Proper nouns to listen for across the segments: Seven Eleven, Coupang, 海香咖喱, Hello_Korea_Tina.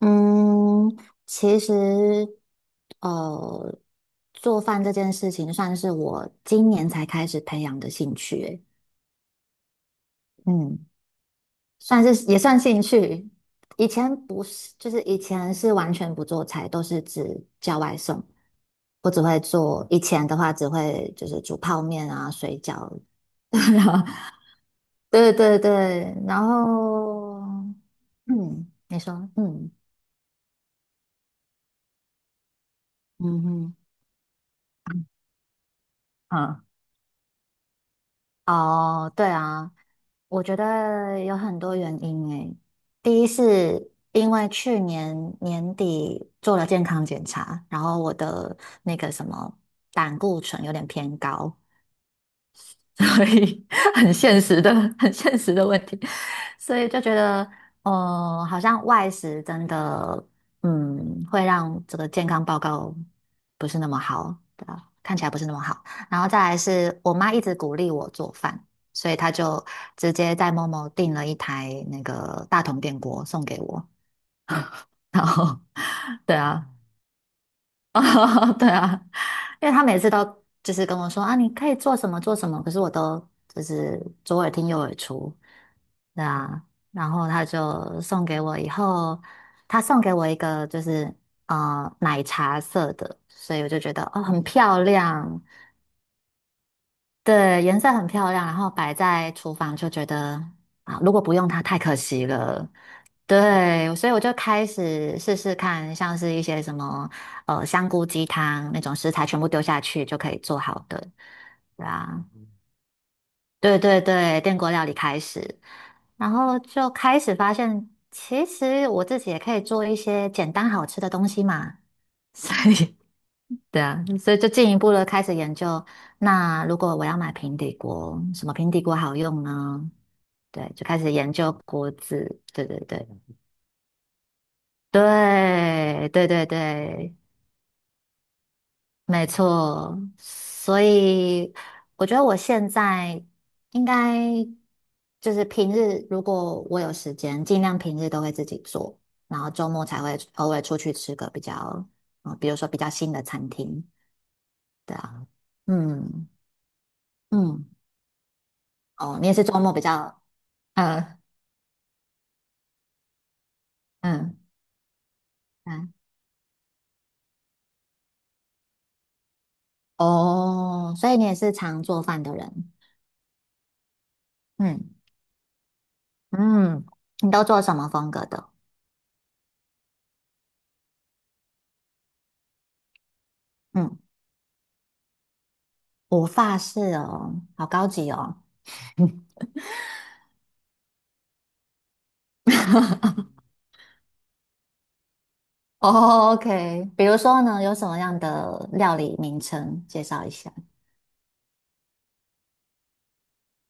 嗯，其实，呃，做饭这件事情算是我今年才开始培养的兴趣欸，嗯，算是也算兴趣。以前不是，就是以前是完全不做菜，都是只叫外送。我只会做，以前的话只会就是煮泡面啊、水饺。对对对，然后，嗯，你说，嗯嗯嗯。啊。哦，对啊，我觉得有很多原因诶。第一是因为去年年底做了健康检查，然后我的那个什么胆固醇有点偏高，所以 很现实的、很现实的问题，所以就觉得，好像外食真的，嗯，会让这个健康报告不是那么好，对吧？看起来不是那么好。然后再来是我妈一直鼓励我做饭，所以她就直接在某某订了一台那个大同电锅送给我，然后，对啊，哦，对啊，因为他每次都就是跟我说啊，你可以做什么做什么，可是我都就是左耳听右耳出，对啊，然后他就送给我以后，他送给我一个就是奶茶色的，所以我就觉得哦很漂亮，对，颜色很漂亮，然后摆在厨房就觉得啊，如果不用它太可惜了。对，所以我就开始试试看，像是一些什么香菇鸡汤那种食材，全部丢下去就可以做好的。对啊，对对对，电锅料理开始，然后就开始发现，其实我自己也可以做一些简单好吃的东西嘛。所以对啊，所以就进一步的开始研究。那如果我要买平底锅，什么平底锅好用呢？对，就开始研究锅子。对对对，对对对对，没错。所以我觉得我现在应该就是平日，如果我有时间，尽量平日都会自己做，然后周末才会偶尔出去吃个比较，嗯，比如说比较新的餐厅。对啊，嗯嗯。哦，你也是周末比较，嗯嗯，嗯，哦，所以你也是常做饭的人，嗯嗯，你都做什么风格的？嗯，我法式哦，好高级哦。哦，OK，比如说呢，有什么样的料理名称介绍一下？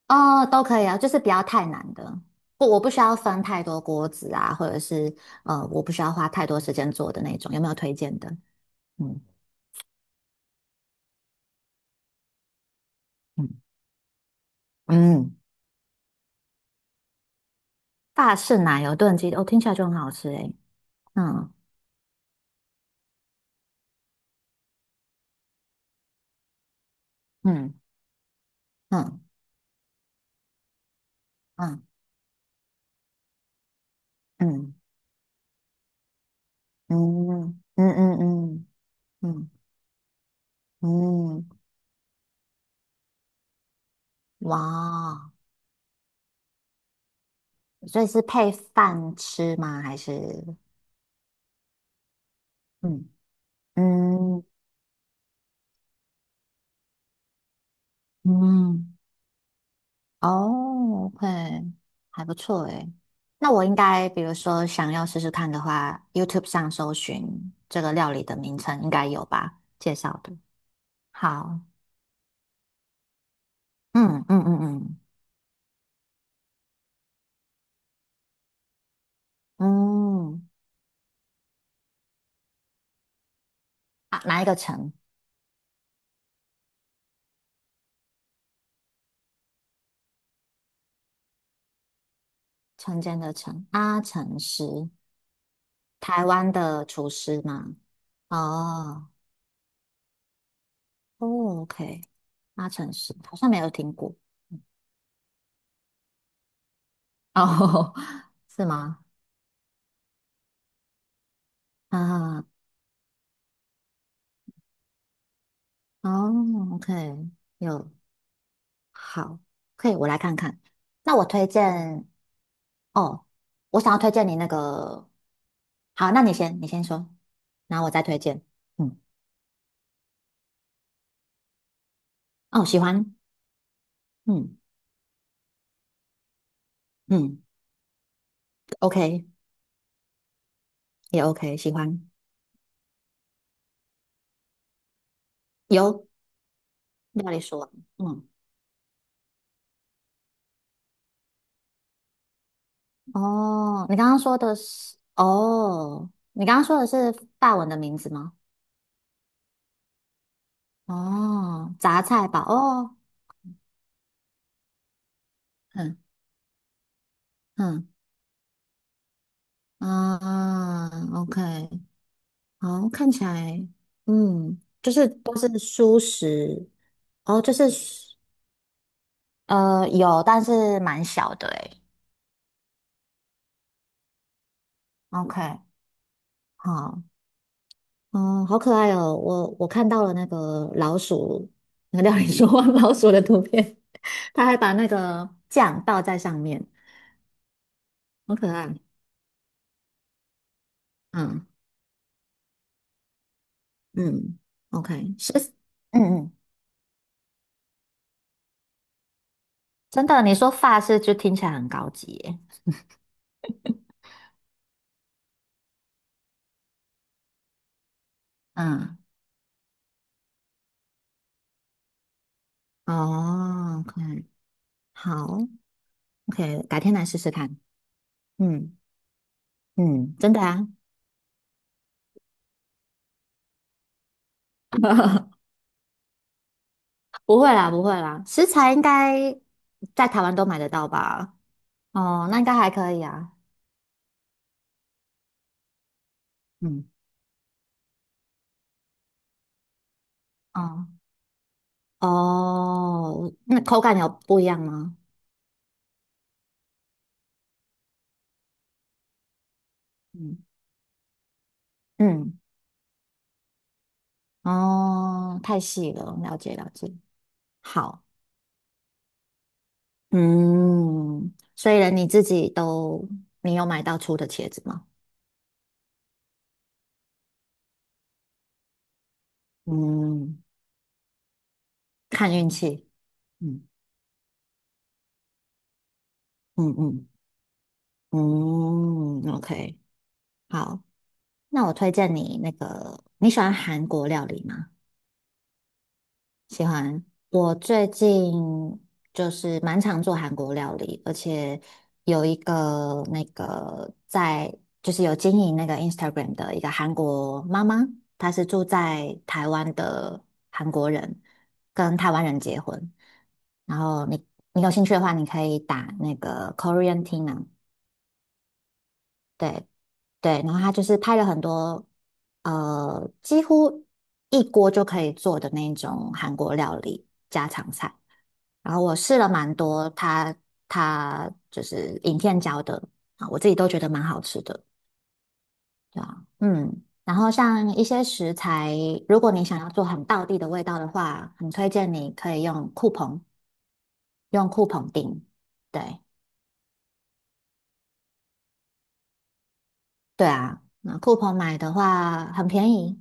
哦，都可以啊，就是不要太难的，不，我不需要分太多锅子啊，或者是我不需要花太多时间做的那种，有没有推荐的？嗯嗯嗯大式奶油炖鸡，哦，听起来就很好吃诶。嗯嗯嗯嗯嗯嗯嗯嗯嗯嗯嗯，哇！所以是配饭吃吗？还是嗯嗯嗯哦，OK，还不错诶。那我应该，比如说想要试试看的话，YouTube 上搜寻这个料理的名称，应该有吧？介绍的。好，嗯嗯嗯嗯嗯。啊，哪一个陈？陈间的陈，阿陈师，台湾的厨师吗？哦，哦，OK，阿陈师好像没有听过，哦，是吗？啊，哦，OK，有，好，可以，我来看看。那我推荐，哦，我想要推荐你那个，好，那你先，你先说，然后我再推荐。嗯，哦，喜欢，嗯嗯，OK，也 OK，喜欢，有料理说完嗯。哦，你刚刚说的是法文的名字吗？哦，杂菜堡哦，嗯嗯啊，OK，好，看起来，嗯，就是都是蔬食，哦，就是有，但是蛮小的诶。OK，好，嗯，好可爱哦，我看到了那个老鼠，那个料理说话 老鼠的图片，它还把那个酱倒在上面。好可爱。嗯嗯，OK，是嗯嗯，真的，你说发饰就听起来很高级耶。嗯哦可 k 好，OK，改天来试试看。嗯，嗯，真的啊，不会啦，不会啦，食材应该在台湾都买得到吧？哦，那应该还可以啊。嗯哦哦，那口感有不一样吗？嗯，嗯，哦，太细了，了解了解。好。嗯，所以连你自己都，你有买到粗的茄子吗？嗯，看运气。嗯嗯嗯嗯，OK，好，那我推荐你那个，你喜欢韩国料理吗？喜欢。我最近就是蛮常做韩国料理，而且有一个那个在就是有经营那个 Instagram 的一个韩国妈妈，她是住在台湾的韩国人，跟台湾人结婚。然后你有兴趣的话，你可以打那个 Korean Tina，对对，然后他就是拍了很多几乎一锅就可以做的那种韩国料理家常菜。然后我试了蛮多他就是影片教的啊，我自己都觉得蛮好吃的，对啊，嗯。然后像一些食材，如果你想要做很道地的味道的话，很推荐你可以用酷澎，用酷澎订。对对啊，那酷澎买的话很便宜，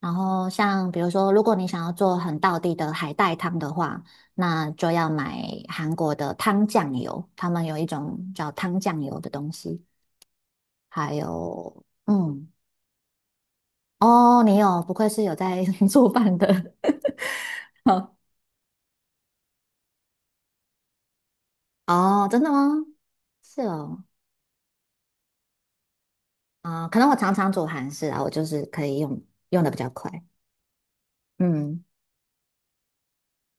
然后像比如说，如果你想要做很道地的海带汤的话，那就要买韩国的汤酱油，他们有一种叫汤酱油的东西，还有嗯，哦，你有，不愧是有在 做饭的，哦，哦真的吗？是哦，啊、可能我常常煮韩式啊，我就是可以用的比较快，嗯。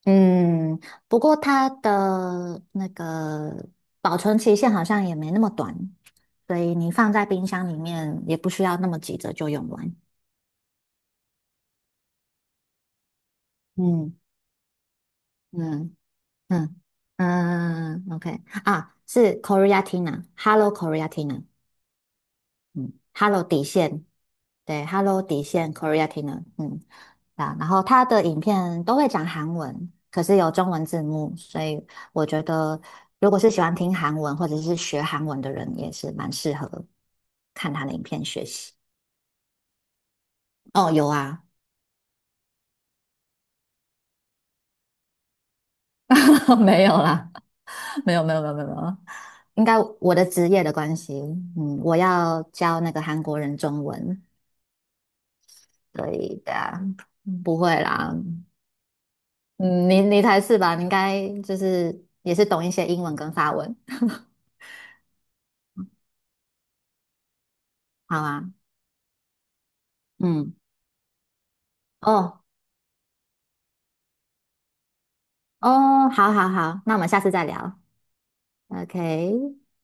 嗯，不过它的那个保存期限好像也没那么短，所以你放在冰箱里面也不需要那么急着就用完。嗯嗯嗯嗯，OK 啊，是 Korea Tina，Hello Korea Tina。嗯，Hello 底线，对，Hello_KoreaTina 嗯，啊，然后他的影片都会讲韩文，可是有中文字幕，所以我觉得如果是喜欢听韩文或者是学韩文的人，也是蛮适合看他的影片学习。哦，有啊，没有啦，没有没有没有没有，没有应该我的职业的关系，嗯，我要教那个韩国人中文，所以对啊，不会啦，嗯，你才是吧？你应该就是也是懂一些英文跟法文。好啊，嗯，哦哦，好好好，那我们下次再聊。OK，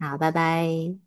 好，拜拜。